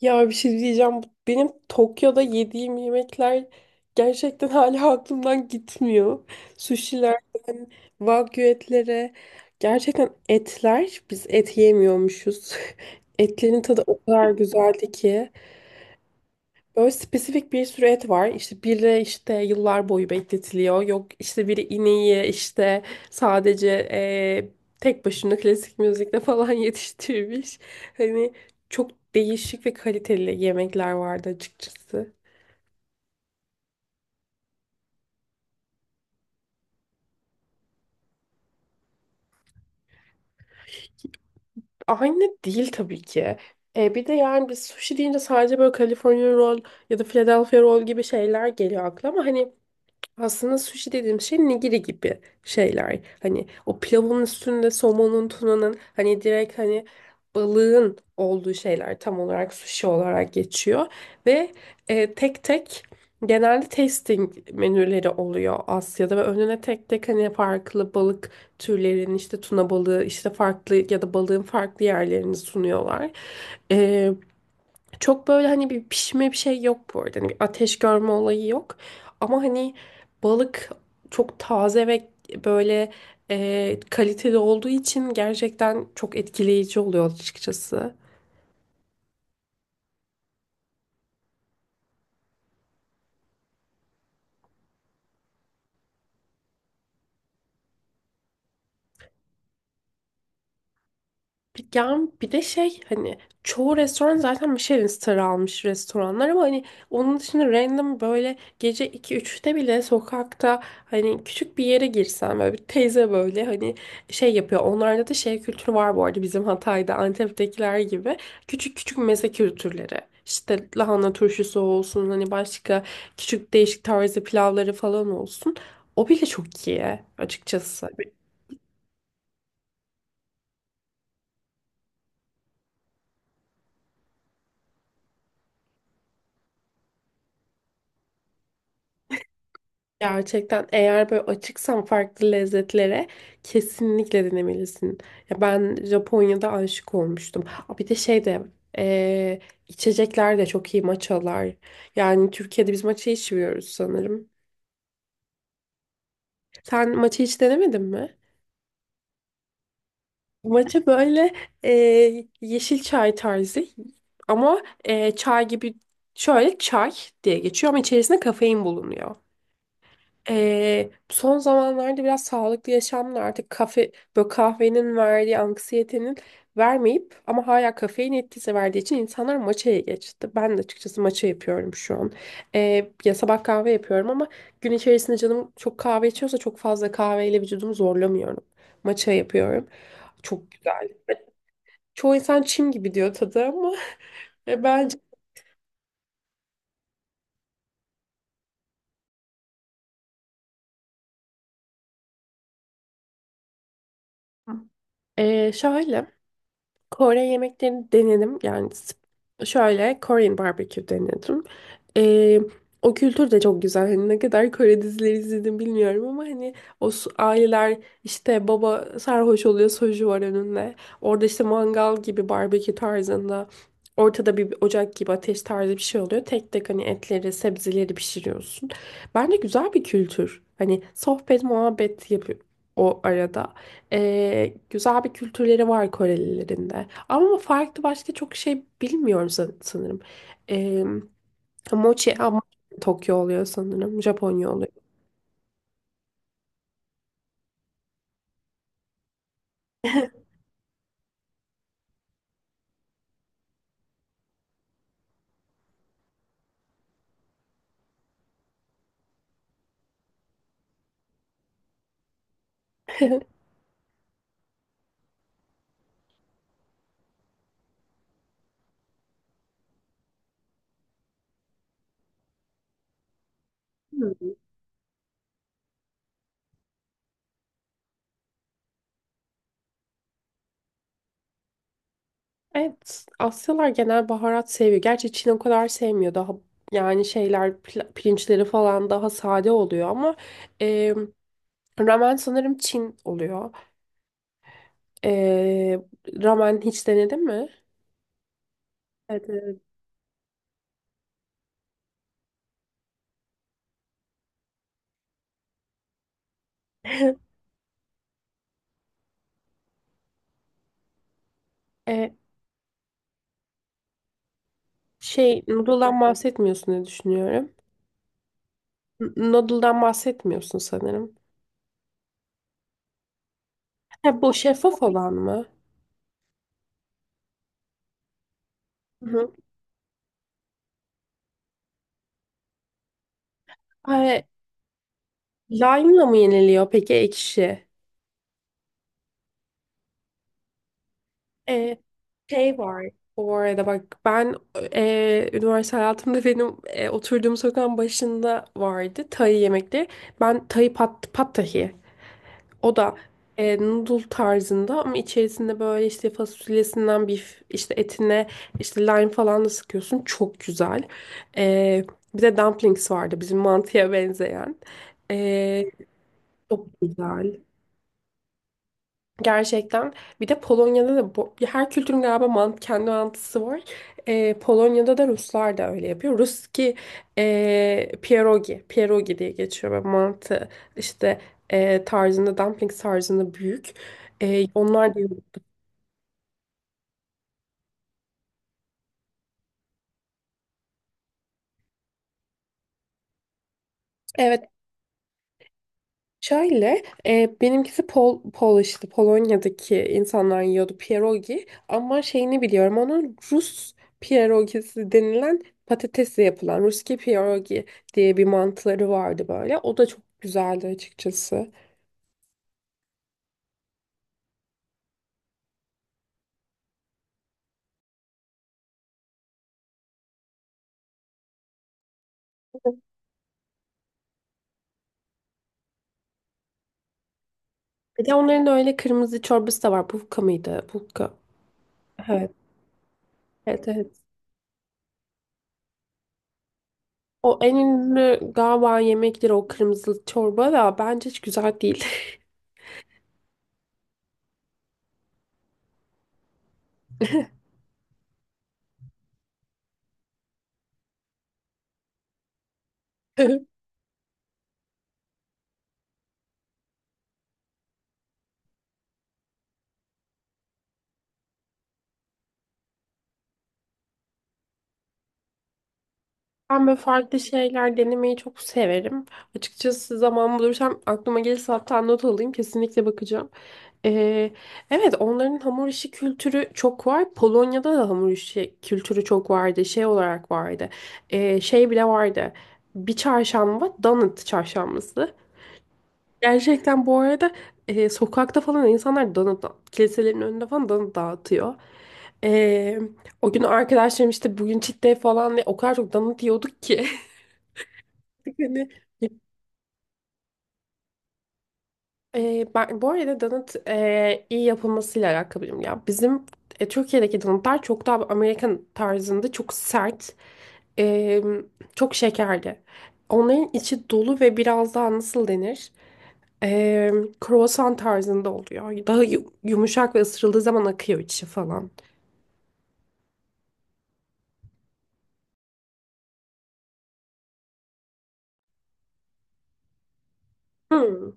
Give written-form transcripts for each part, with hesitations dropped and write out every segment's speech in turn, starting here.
Ya bir şey diyeceğim. Benim Tokyo'da yediğim yemekler gerçekten hala aklımdan gitmiyor. Sushi'lerden, wagyu etlere. Gerçekten etler, biz et yemiyormuşuz. Etlerin tadı o kadar güzeldi ki. Böyle spesifik bir sürü et var. İşte biri işte yıllar boyu bekletiliyor. Yok işte biri ineği işte sadece eee, tek başına klasik müzikle falan yetiştirmiş. Hani çok değişik ve kaliteli yemekler vardı açıkçası. Aynı değil tabii ki. E, bir de yani biz sushi deyince sadece böyle California roll ya da Philadelphia roll gibi şeyler geliyor aklıma. Hani aslında sushi dediğim şey nigiri gibi şeyler. Hani o pilavın üstünde somonun, tunanın hani direkt hani balığın olduğu şeyler tam olarak sushi olarak geçiyor. Ve e, tek tek genelde tasting menüleri oluyor Asya'da ve önüne tek tek hani farklı balık türlerinin işte tuna balığı işte farklı ya da balığın farklı yerlerini sunuyorlar. Çok böyle hani bir pişme bir şey yok bu arada. Hani bir ateş görme olayı yok. Ama hani balık çok taze ve böyle e, kaliteli olduğu için gerçekten çok etkileyici oluyor açıkçası. Ya bir de şey hani çoğu restoran zaten Michelin starı almış restoranlar ama hani onun dışında random böyle gece iki üçte bile sokakta hani küçük bir yere girsen böyle bir teyze böyle hani şey yapıyor. Onlarda da şey kültürü var bu arada bizim Hatay'da Antep'tekiler gibi küçük küçük meze kültürleri. İşte lahana turşusu olsun hani başka küçük değişik tarzı pilavları falan olsun. O bile çok iyi açıkçası. Gerçekten eğer böyle açıksan farklı lezzetlere kesinlikle denemelisin. Ya ben Japonya'da aşık olmuştum. Aa, bir de şey de eee, içecekler de çok iyi matchalar. Yani Türkiye'de biz matcha içmiyoruz sanırım. Sen matcha hiç denemedin mi? Matcha böyle yeşil çay tarzı ama çay gibi şöyle çay diye geçiyor ama içerisinde kafein bulunuyor. Son zamanlarda biraz sağlıklı yaşamla artık kafe, böyle kahvenin verdiği anksiyetenin vermeyip ama hala kafein etkisi verdiği için insanlar matcha'ya geçti. Ben de açıkçası matcha yapıyorum şu an. Ya sabah kahve yapıyorum ama gün içerisinde canım çok kahve içiyorsa çok fazla kahveyle vücudumu zorlamıyorum. Matcha yapıyorum. Çok güzel. Çoğu insan çim gibi diyor tadı ama e, bence ee, şöyle Kore yemeklerini denedim. Şöyle Korean barbecue denedim. Ee, o kültür de çok güzel. Hani ne kadar Kore dizileri izledim bilmiyorum ama hani aileler işte baba sarhoş oluyor soju var önünde. Orada işte mangal gibi barbekü tarzında ortada bir ocak gibi ateş tarzı bir şey oluyor. Tek tek hani etleri sebzeleri pişiriyorsun. Bence güzel bir kültür. Hani sohbet muhabbet yapıyor o arada. Güzel bir kültürleri var Korelilerin de. Ama farklı başka çok şey bilmiyorum sanırım. Ee, mochi ama Tokyo oluyor sanırım. Japonya oluyor. Evet, Asyalar genel baharat seviyor. Gerçi Çin o kadar sevmiyor. Daha yani şeyler pirinçleri falan daha sade oluyor ama e, ramen sanırım Çin oluyor. E, ramen hiç denedin mi? Evet, evet. E, şey noodle'dan bahsetmiyorsun diye düşünüyorum. Noodle'dan bahsetmiyorsun sanırım. Ha, bu şeffaf olan mı? Hı hı. Ay, lime'la mı yeniliyor peki ekşi? E, şey var. Bu arada bak ben e, üniversite hayatımda benim e, oturduğum sokağın başında vardı Tay yemekleri. Ben pad Thai. O da e, noodle tarzında ama içerisinde böyle işte fasulyesinden bir işte etine işte lime falan da sıkıyorsun. Çok güzel. E, bir de dumplings vardı bizim mantıya benzeyen. E, çok güzel. Gerçekten. Bir de Polonya'da da bu, ya her kültürün galiba kendi mantısı var. Polonya'da da Ruslar da öyle yapıyor. Ruski e, pierogi diye geçiyor ve mantı işte e, tarzında, dumpling tarzında büyük. E, onlar da evet. Şöyle, e, benimkisi Pol işte Polonya'daki insanlar yiyordu pierogi ama şeyini biliyorum onun Rus pierogisi denilen patatesle yapılan Ruski pierogi diye bir mantıları vardı böyle. O da çok güzeldi açıkçası. Bir de onların öyle kırmızı çorbası da var. Bulka mıydı? Bulka. Evet. Evet, evet. O en ünlü galiba yemekleri o kırmızı çorba da bence hiç güzel değil. Ben böyle farklı şeyler denemeyi çok severim. Açıkçası zaman bulursam aklıma gelirse hatta not alayım kesinlikle bakacağım. Ee, evet onların hamur işi kültürü çok var. Polonya'da da hamur işi kültürü çok vardı. Şey olarak vardı. Şey bile vardı. Bir çarşamba donut çarşambası. Gerçekten bu arada e, sokakta falan insanlar donut kiliselerin önünde falan donut dağıtıyor. Ee, o gün arkadaşlarım işte bugün cheat day falan diye o kadar çok donut yiyorduk ki. Hani, e, ben, bu arada donut e, iyi yapılmasıyla alakalıyım ya. Bizim e, Türkiye'deki donutlar çok daha Amerikan tarzında çok sert, e, çok şekerli. Onların içi dolu ve biraz daha nasıl denir? E, kruvasan tarzında oluyor. Daha yumuşak ve ısırıldığı zaman akıyor içi falan. Hmm,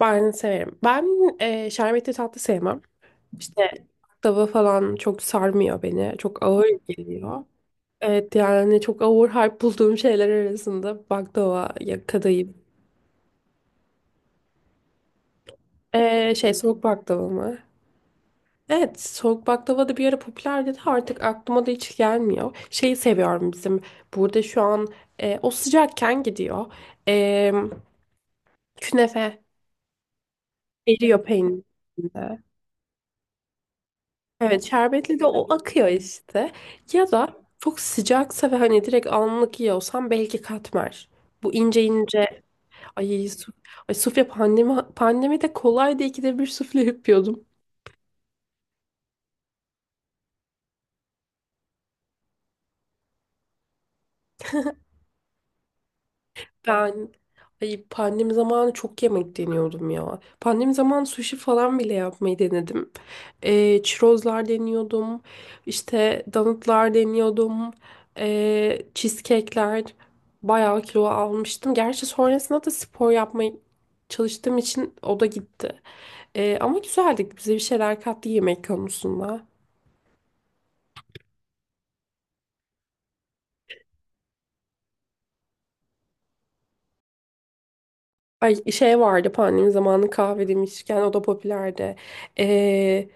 ben severim. Ben e, şerbetli tatlı sevmem. İşte baklava falan çok sarmıyor beni. Çok ağır geliyor. Evet yani çok overhype bulduğum şeyler arasında baklava ya kadayıf. Şey soğuk baklava mı? Evet soğuk baklava da bir ara popülerdi de artık aklıma da hiç gelmiyor. Şeyi seviyorum bizim burada şu an e, o sıcakken gidiyor. Ee, künefe eriyor peynirin içinde. Evet şerbetli de o akıyor işte. Ya da çok sıcaksa ve hani direkt anlık yiyorsam belki katmer. Bu ince ince ay, su ay sufle pandemide kolaydı ikide bir sufle yapıyordum. Ben ay pandemi zamanı çok yemek deniyordum ya. Pandemi zamanı sushi falan bile yapmayı denedim. Çirozlar deniyordum. İşte donutlar deniyordum. Cheesecake'ler bayağı kilo almıştım. Gerçi sonrasında da spor yapmaya çalıştığım için o da gitti. Ama güzeldi. Bize bir şeyler kattı yemek konusunda. Ay şey vardı pandemi zamanı kahve demişken o da popülerdi. Ee,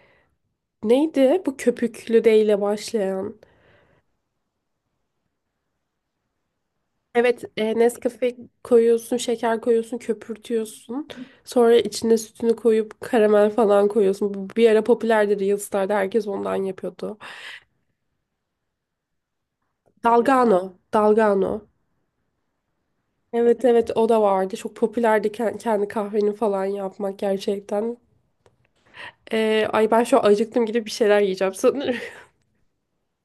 neydi bu köpüklü de ile başlayan? Evet e, Nescafe koyuyorsun, şeker koyuyorsun, köpürtüyorsun. Sonra içine sütünü koyup karamel falan koyuyorsun. Bu bir ara popülerdi Reels'larda herkes ondan yapıyordu. Dalgano. Evet, evet o da vardı. Çok popülerdi kendi kahveni falan yapmak gerçekten. Ay ben şu an acıktım gidip bir şeyler yiyeceğim sanırım.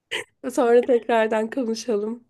Sonra tekrardan konuşalım.